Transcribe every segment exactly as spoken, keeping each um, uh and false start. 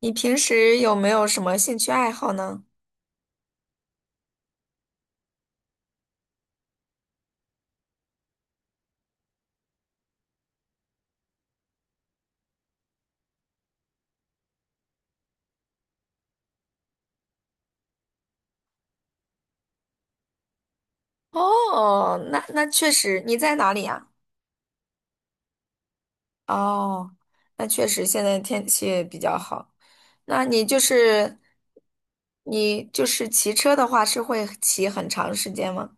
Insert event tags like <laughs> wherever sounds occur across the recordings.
你平时有没有什么兴趣爱好呢？哦，那那确实，你在哪里呀？哦，那确实现在天气也比较好。那你就是你就是骑车的话，是会骑很长时间吗？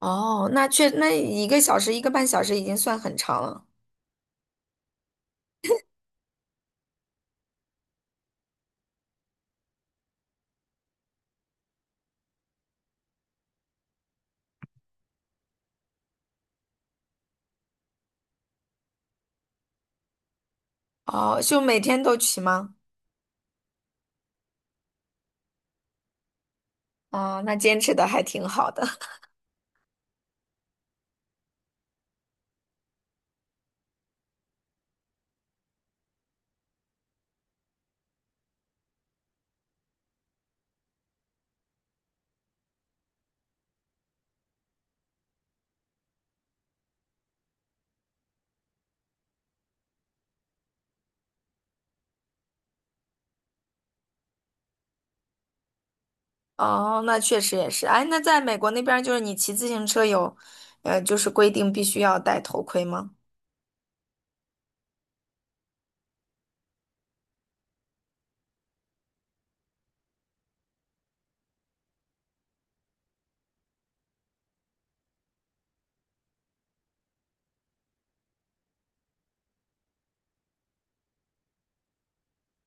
哦，那确那一个小时一个半小时已经算很长了。哦，就每天都骑吗？哦，那坚持的还挺好的。哦，那确实也是。哎，那在美国那边儿就是你骑自行车有，呃，就是规定必须要戴头盔吗？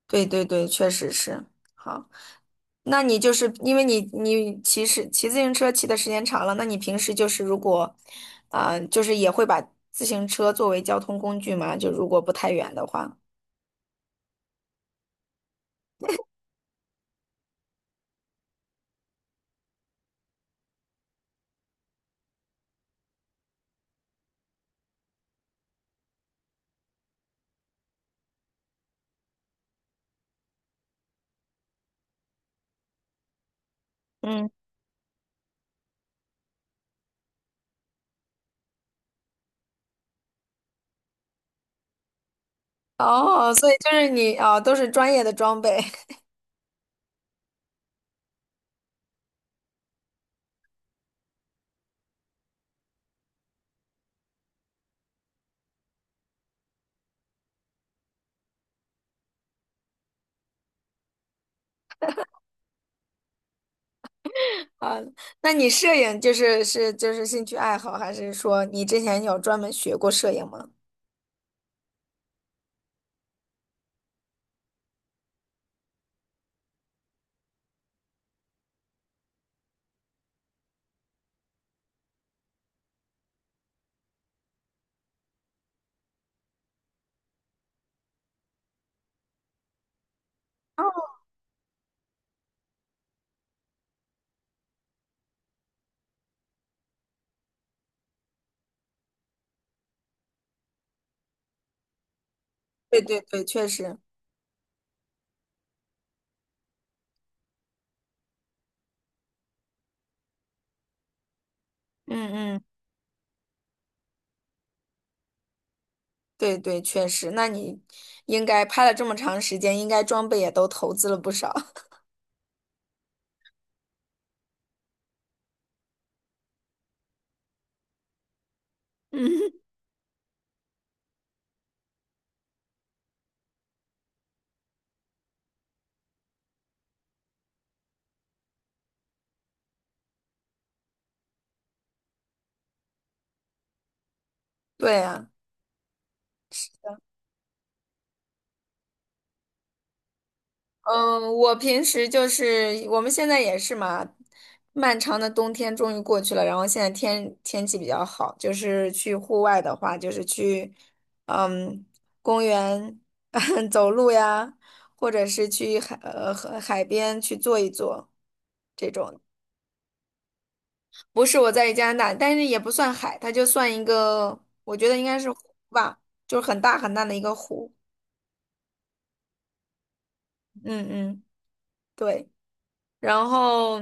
对对对，确实是。好，那你就是因为你你骑是骑自行车骑的时间长了，那你平时就是如果，啊、就是也会把自行车作为交通工具嘛？就如果不太远的话。嗯，哦，所以就是你啊，都是专业的装备 <laughs> 啊。那你摄影就是是就是兴趣爱好，还是说你之前有专门学过摄影吗？对对对，确实，嗯嗯，对对，确实。那你应该拍了这么长时间，应该装备也都投资了不少。<laughs> 嗯，对呀，嗯，我平时就是我们现在也是嘛，漫长的冬天终于过去了，然后现在天天气比较好，就是去户外的话，就是去嗯公园 <laughs> 走路呀，或者是去海呃和海边去坐一坐。这种。不是我在加拿大，但是也不算海，它就算一个，我觉得应该是湖吧，就是很大很大的一个湖。嗯嗯，对。然后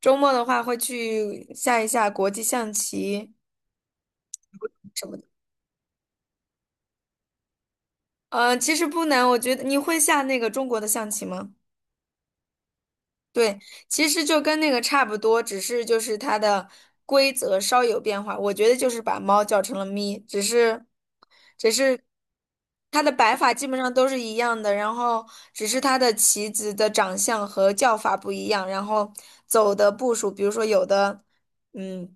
周末的话会去下一下国际象棋什么的。呃，其实不难，我觉得你会下那个中国的象棋吗？对，其实就跟那个差不多，只是就是它的规则稍有变化。我觉得就是把猫叫成了咪，只是，只是它的摆法基本上都是一样的，然后只是它的棋子的长相和叫法不一样，然后走的步数，比如说有的，嗯，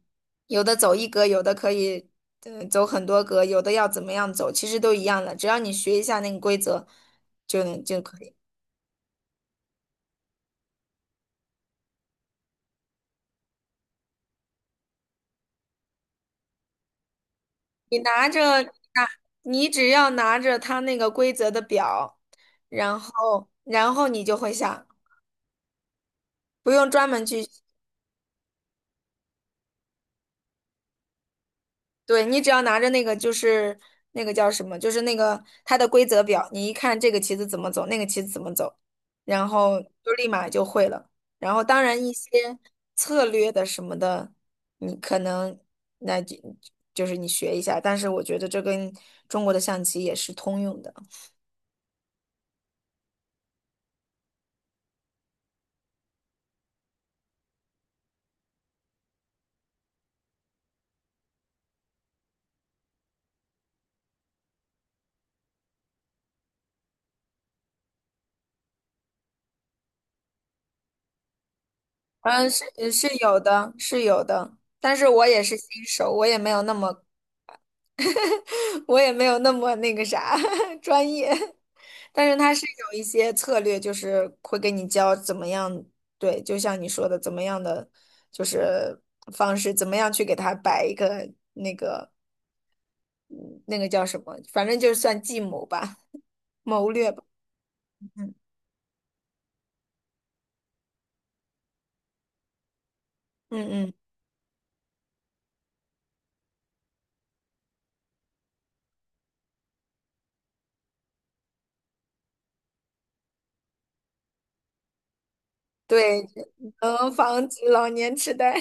有的走一格，有的可以，呃，走很多格，有的要怎么样走，其实都一样的，只要你学一下那个规则，就能就可以。你拿着。你只要拿着它那个规则的表，然后然后你就会下，不用专门去。对，你只要拿着那个就是那个叫什么，就是那个它的规则表，你一看这个棋子怎么走，那个棋子怎么走，然后就立马就会了。然后当然一些策略的什么的，你可能那就就是你学一下，但是我觉得这跟中国的象棋也是通用的。嗯，是是有的，是有的，但是我也是新手，我也没有那么，<laughs> 我也没有那么那个啥 <laughs> 专业，但是他是有一些策略，就是会给你教怎么样，对，就像你说的，怎么样的就是方式，怎么样去给他摆一个，嗯那个叫什么，反正就算计谋吧，谋略吧，嗯嗯嗯，对，能防止老年痴呆。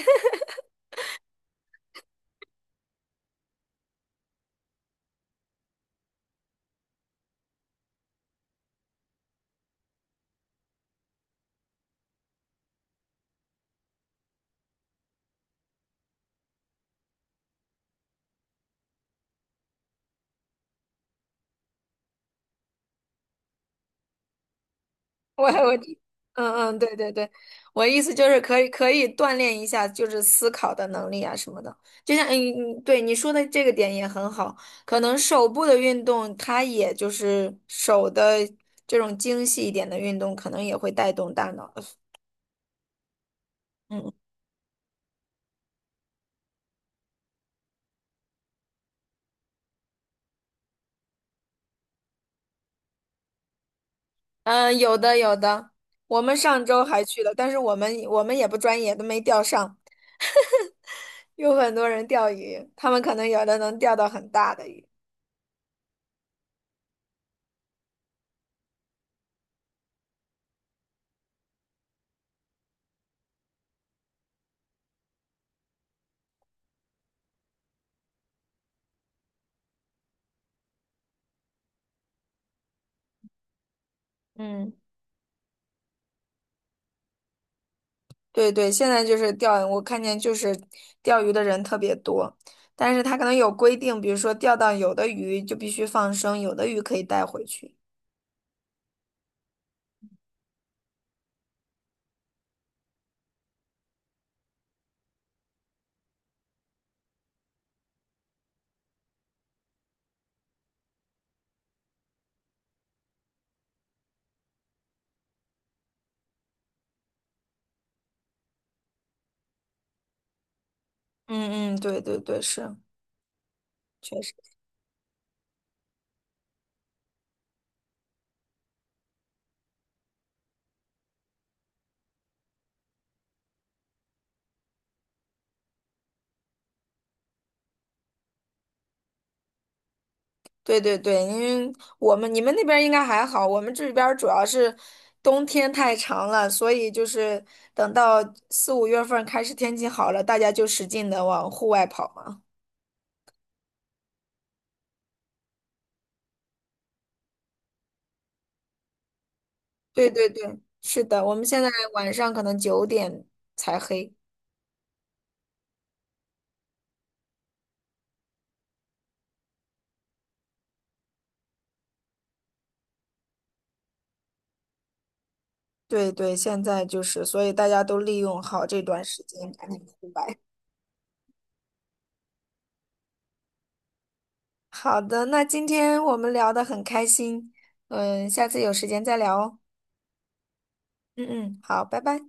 <laughs> 我我嗯嗯，对对对，我意思就是可以可以锻炼一下，就是思考的能力啊什么的。就像嗯嗯，对你说的这个点也很好，可能手部的运动，它也就是手的这种精细一点的运动，可能也会带动大脑的。嗯嗯，有的有的，我们上周还去了，但是我们我们也不专业，都没钓上。有很多人钓鱼，他们可能有的能钓到很大的鱼。嗯。对对，现在就是钓，我看见就是钓鱼的人特别多，但是他可能有规定，比如说钓到有的鱼就必须放生，有的鱼可以带回去。嗯嗯，对对对，是，确实，对对对，因为我们你们那边儿应该还好，我们这边儿主要是冬天太长了，所以就是等到四五月份儿开始天气好了，大家就使劲的往户外跑嘛。对对对，是的，我们现在晚上可能九点才黑。对对，现在就是，所以大家都利用好这段时间，赶紧出来。<laughs> 好的，那今天我们聊得很开心，嗯，下次有时间再聊哦。嗯嗯，好，拜拜。